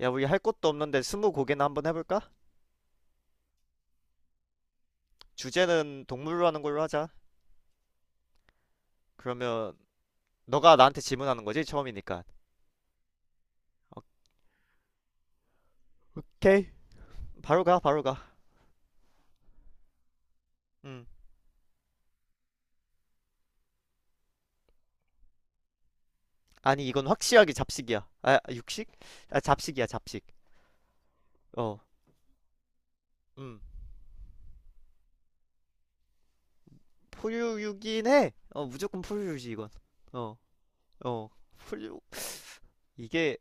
야, 우리 할 것도 없는데 스무 고개나 한번 해볼까? 주제는 동물로 하는 걸로 하자. 그러면 너가 나한테 질문하는 거지? 처음이니까. 오케이. 바로 가, 바로 가. 음. 아니, 이건 확실하게 잡식이야. 아, 육식? 아, 잡식이야, 잡식. 어. 음. 포유류긴 해. 어, 무조건 포유류지, 이건. 어. 어. 포유. 이게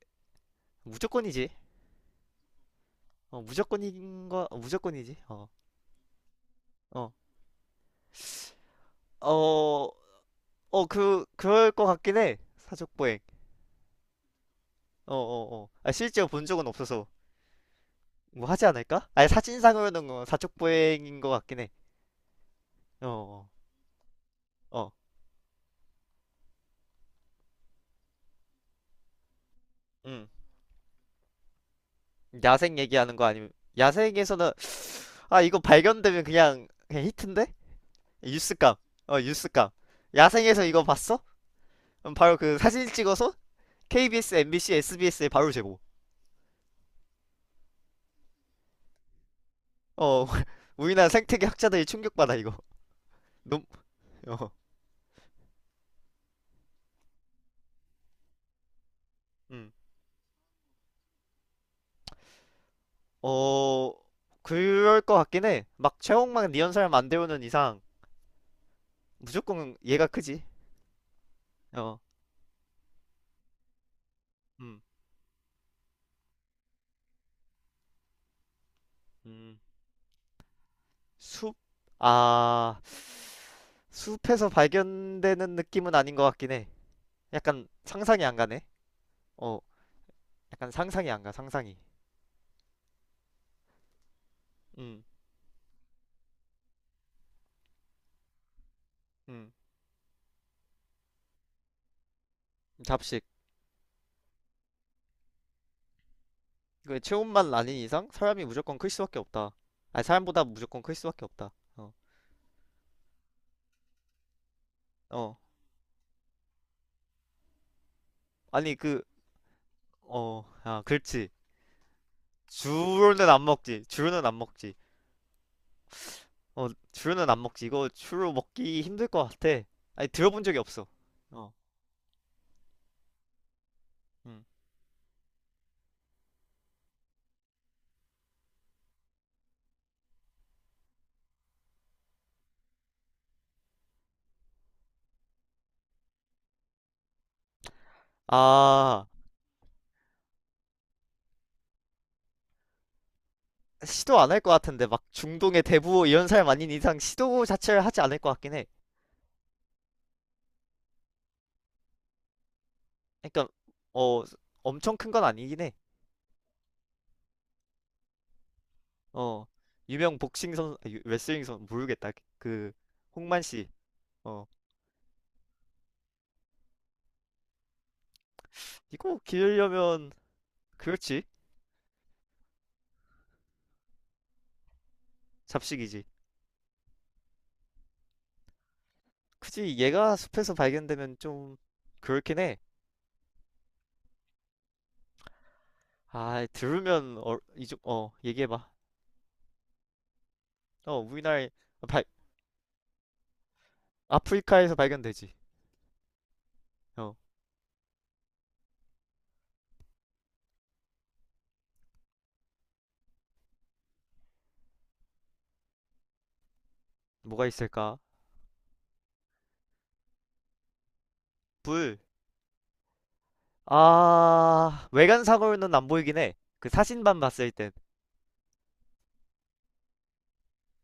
무조건이지. 어, 무조건인 거, 어, 무조건이지. 어. 어. 어, 어, 그럴 것 같긴 해. 사족보행. 어, 어, 어. 아, 실제로 본 적은 없어서 뭐 하지 않을까? 아니, 사진상으로는 사촉보행인 것 같긴 해. 어, 어, 어, 음. 야생 얘기하는 거 아니면 야생에서는 아 이거 발견되면 그냥 히트인데? 뉴스감. 어, 뉴스감. 야생에서 이거 봤어? 그럼 바로 그 사진 찍어서 KBS, MBC, SBS에 바로 제보. 어, 우리나라 생태계 학자들이 충격받아 이거. 놈, 어, 음. 어, 그럴 것 같긴 해. 막 최홍만 리언설 만안되오는 이상. 무조건 얘가 크지. 어. 음. 음. 숲? 아. 숲에서 발견되는 느낌은 아닌 것 같긴 해. 약간 상상이 안 가네. 어. 약간 상상이 안 가. 상상이. 음. 음. 잡식. 그 체온만 아닌 이상 사람이 무조건 클 수밖에 없다. 아니 사람보다 무조건 클 수밖에 없다. 어. 어. 아니 그 어. 아, 그렇지. 주로는 안 먹지. 주로는 안 먹지. 어, 주로는 안 먹지. 이거 주로 먹기 힘들 것 같아. 아니 들어본 적이 없어. 어. 음. 아, 시도 안 할 것 같은데 막 중동의 대부 이런 사람 아닌 이상 시도 자체를 하지 않을 것 같긴 해. 그러니까 어 엄청 큰 건 아니긴 해. 어 유명 복싱 선 아, 레슬링 선 모르겠다. 그 홍만 씨. 어 이거 기르려면 그렇지 잡식이지. 굳이 얘가 숲에서 발견되면 좀 그렇긴 해. 아 들으면 어, 이좀 어 얘기해봐. 어 우리나라 발 아프리카에서 발견되지. 어 뭐가 있을까? 불 아, 외관상으로는 안 보이긴 해. 그 사진만 봤을 땐.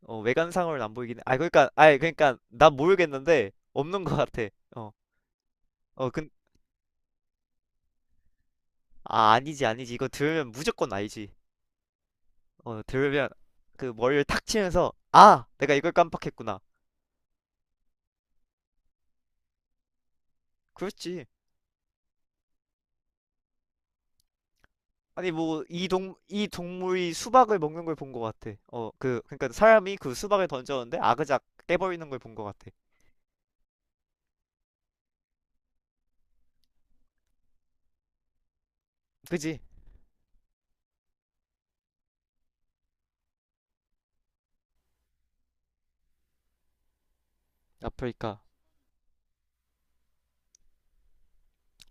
어, 외관상으로는 안 보이긴 해. 아, 그러니까, 아니, 그러니까, 난 모르겠는데, 없는 것 같아. 어, 어, 아, 아니지, 아니지. 이거 들으면 무조건 알지. 어, 들으면, 그 머리를 탁 치면서, 아! 내가 이걸 깜빡했구나. 그렇지. 아니, 뭐, 이 동물이 수박을 먹는 걸 본 것 같아. 어, 그, 그러니까 사람이 그 수박을 던졌는데, 아그작 깨버리는 걸 본 것 같아. 그지? 아프리카,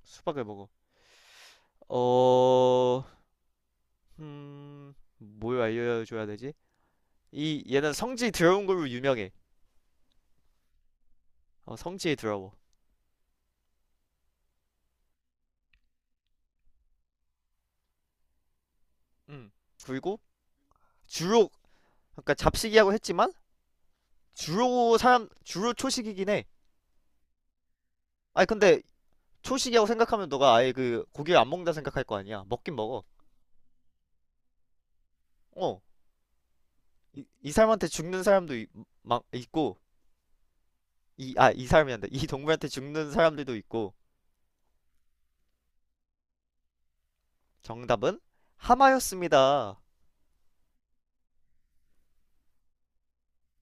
수박을 먹어. 어, 뭘 알려줘야 되지? 이 얘는 성지 더러운 걸로 유명해. 어, 성지 더러워. 음. 그리고 주로 그러니까 잡식이라고 했지만 주로 사람 주로 초식이긴 해. 아니 근데 초식이라고 생각하면 너가 아예 그 고기를 안 먹는다 생각할 거 아니야. 먹긴 먹어. 어. 이, 이 사람한테 죽는 사람도 막 있고 이 아 이 사람이 한다. 이 동물한테 죽는 사람들도 있고 정답은 하마였습니다.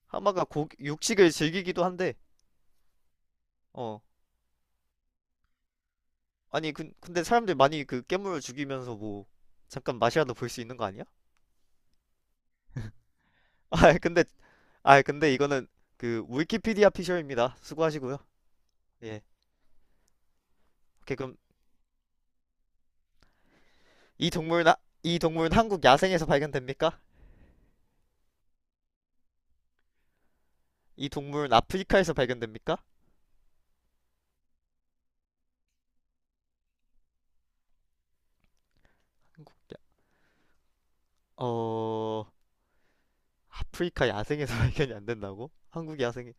하마가 고 육식을 즐기기도 한데. 어. 아니 근데 사람들이 많이 그 깨물어 죽이면서 뭐 잠깐 맛이라도 볼 수 있는 거 아니야? 아 근데 아 근데 이거는 그 위키피디아 피셜입니다. 수고하시고요. 예. 오케이 그럼 이 동물은 이 동물은 한국 야생에서 발견됩니까? 이 동물은 아프리카에서 발견됩니까? 어 아프리카 야생에서 발견이 안 된다고?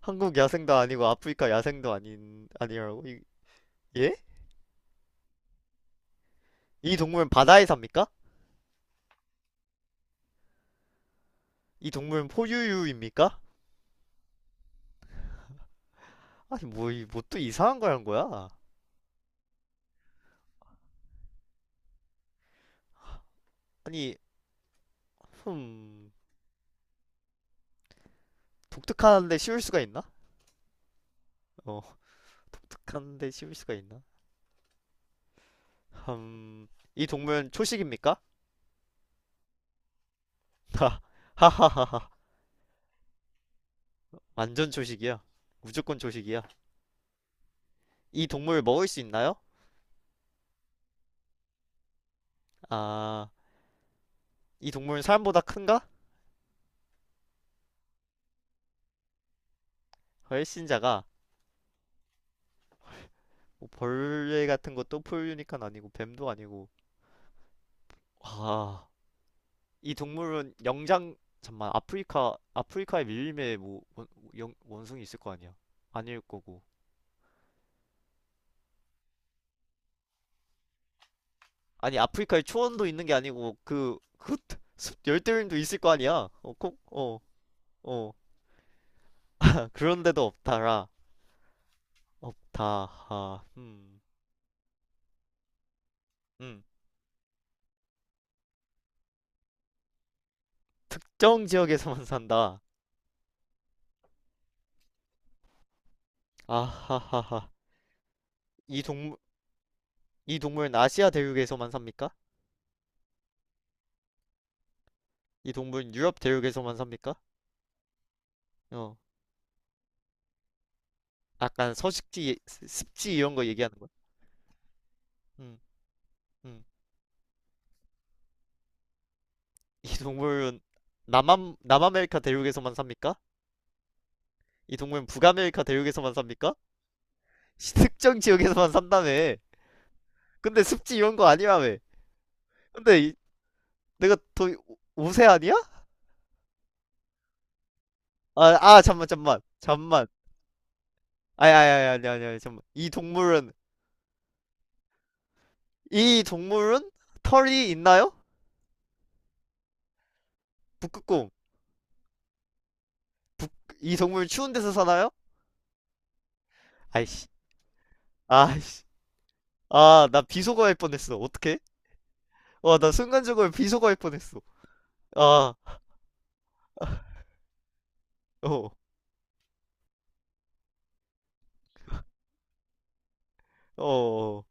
한국 야생도 아니고 아프리카 야생도 아닌 아니라고? 이, 예? 이 동물은 바다에 삽니까? 이 동물은 포유류입니까? 아니 뭐 이 뭐 또 이상한 거란 거야? 아니, 흠, 독특한데 쉬울 수가 있나? 어, 독특한데 쉬울 수가 있나? 흠, 이 동물 초식입니까? 하, 하하하하. 완전 초식이야. 무조건 초식이야. 이 동물 먹을 수 있나요? 아, 이 동물은 사람보다 큰가? 훨씬 작아. 뭐 벌레 같은 것도 포유니깐 아니고, 뱀도 아니고. 와, 이 동물은 영장, 잠만, 아프리카, 아프리카의 밀림에 뭐, 원, 원숭이 있을 거 아니야? 아닐 거고. 아니 아프리카에 초원도 있는 게 아니고 그 열대우림도 있을 거 아니야. 어, 콕 어, 어. 아, 그런데도 없다라. 없다. 하. 음. 음. 특정 지역에서만 산다. 아하하하. 이 동물 이 동물은 아시아 대륙에서만 삽니까? 이 동물은 유럽 대륙에서만 삽니까? 어. 약간 서식지 습지 이런 거 얘기하는 거야. 음. 음. 이 동물은 남아메리카 대륙에서만 삽니까? 이 동물은 북아메리카 대륙에서만 삽니까? 특정 지역에서만 산다며. 근데 습지 이런 거 아니라며. 근데 내가 더 세 아니야? 아, 아, 잠만, 잠만, 잠만. 아니, 아니, 아니, 아니, 아니, 잠만. 이 동물은, 이 동물은 털이 있나요? 북극곰. 이 동물 추운 데서 사나요? 아이씨, 아이씨. 아, 나 비속어할 뻔했어. 어떡해? 와, 나 순간적으로 비속어할 뻔했어. 아, 어, 어, 어.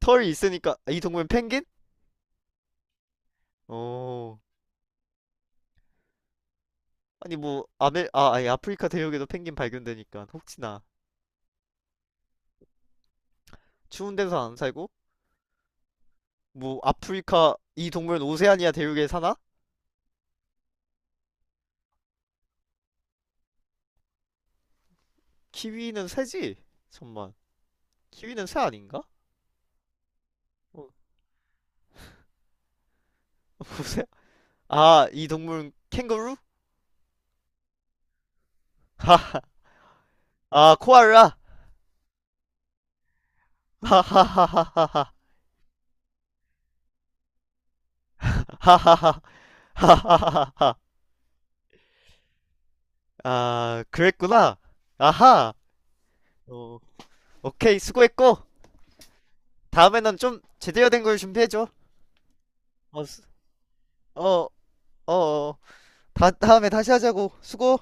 털이 있으니까, 아, 이 동물은 펭귄? 어. 아니 뭐 아메 아 아니 아프리카 대륙에도 펭귄 발견되니까 혹시나 추운 데서 안 살고 뭐 아프리카 이 동물은 오세아니아 대륙에 사나? 키위는 새지? 잠만 키위는 새 아닌가? 어, 오세 아이 동물은 캥거루? 아 코알라 하하하하하하 하하하하하하하 아 그랬구나 아하 어 오케이 수고했고 다음에는 좀 제대로 된 걸 준비해줘 어어어 어, 어, 어. 다음에 다시 하자고 수고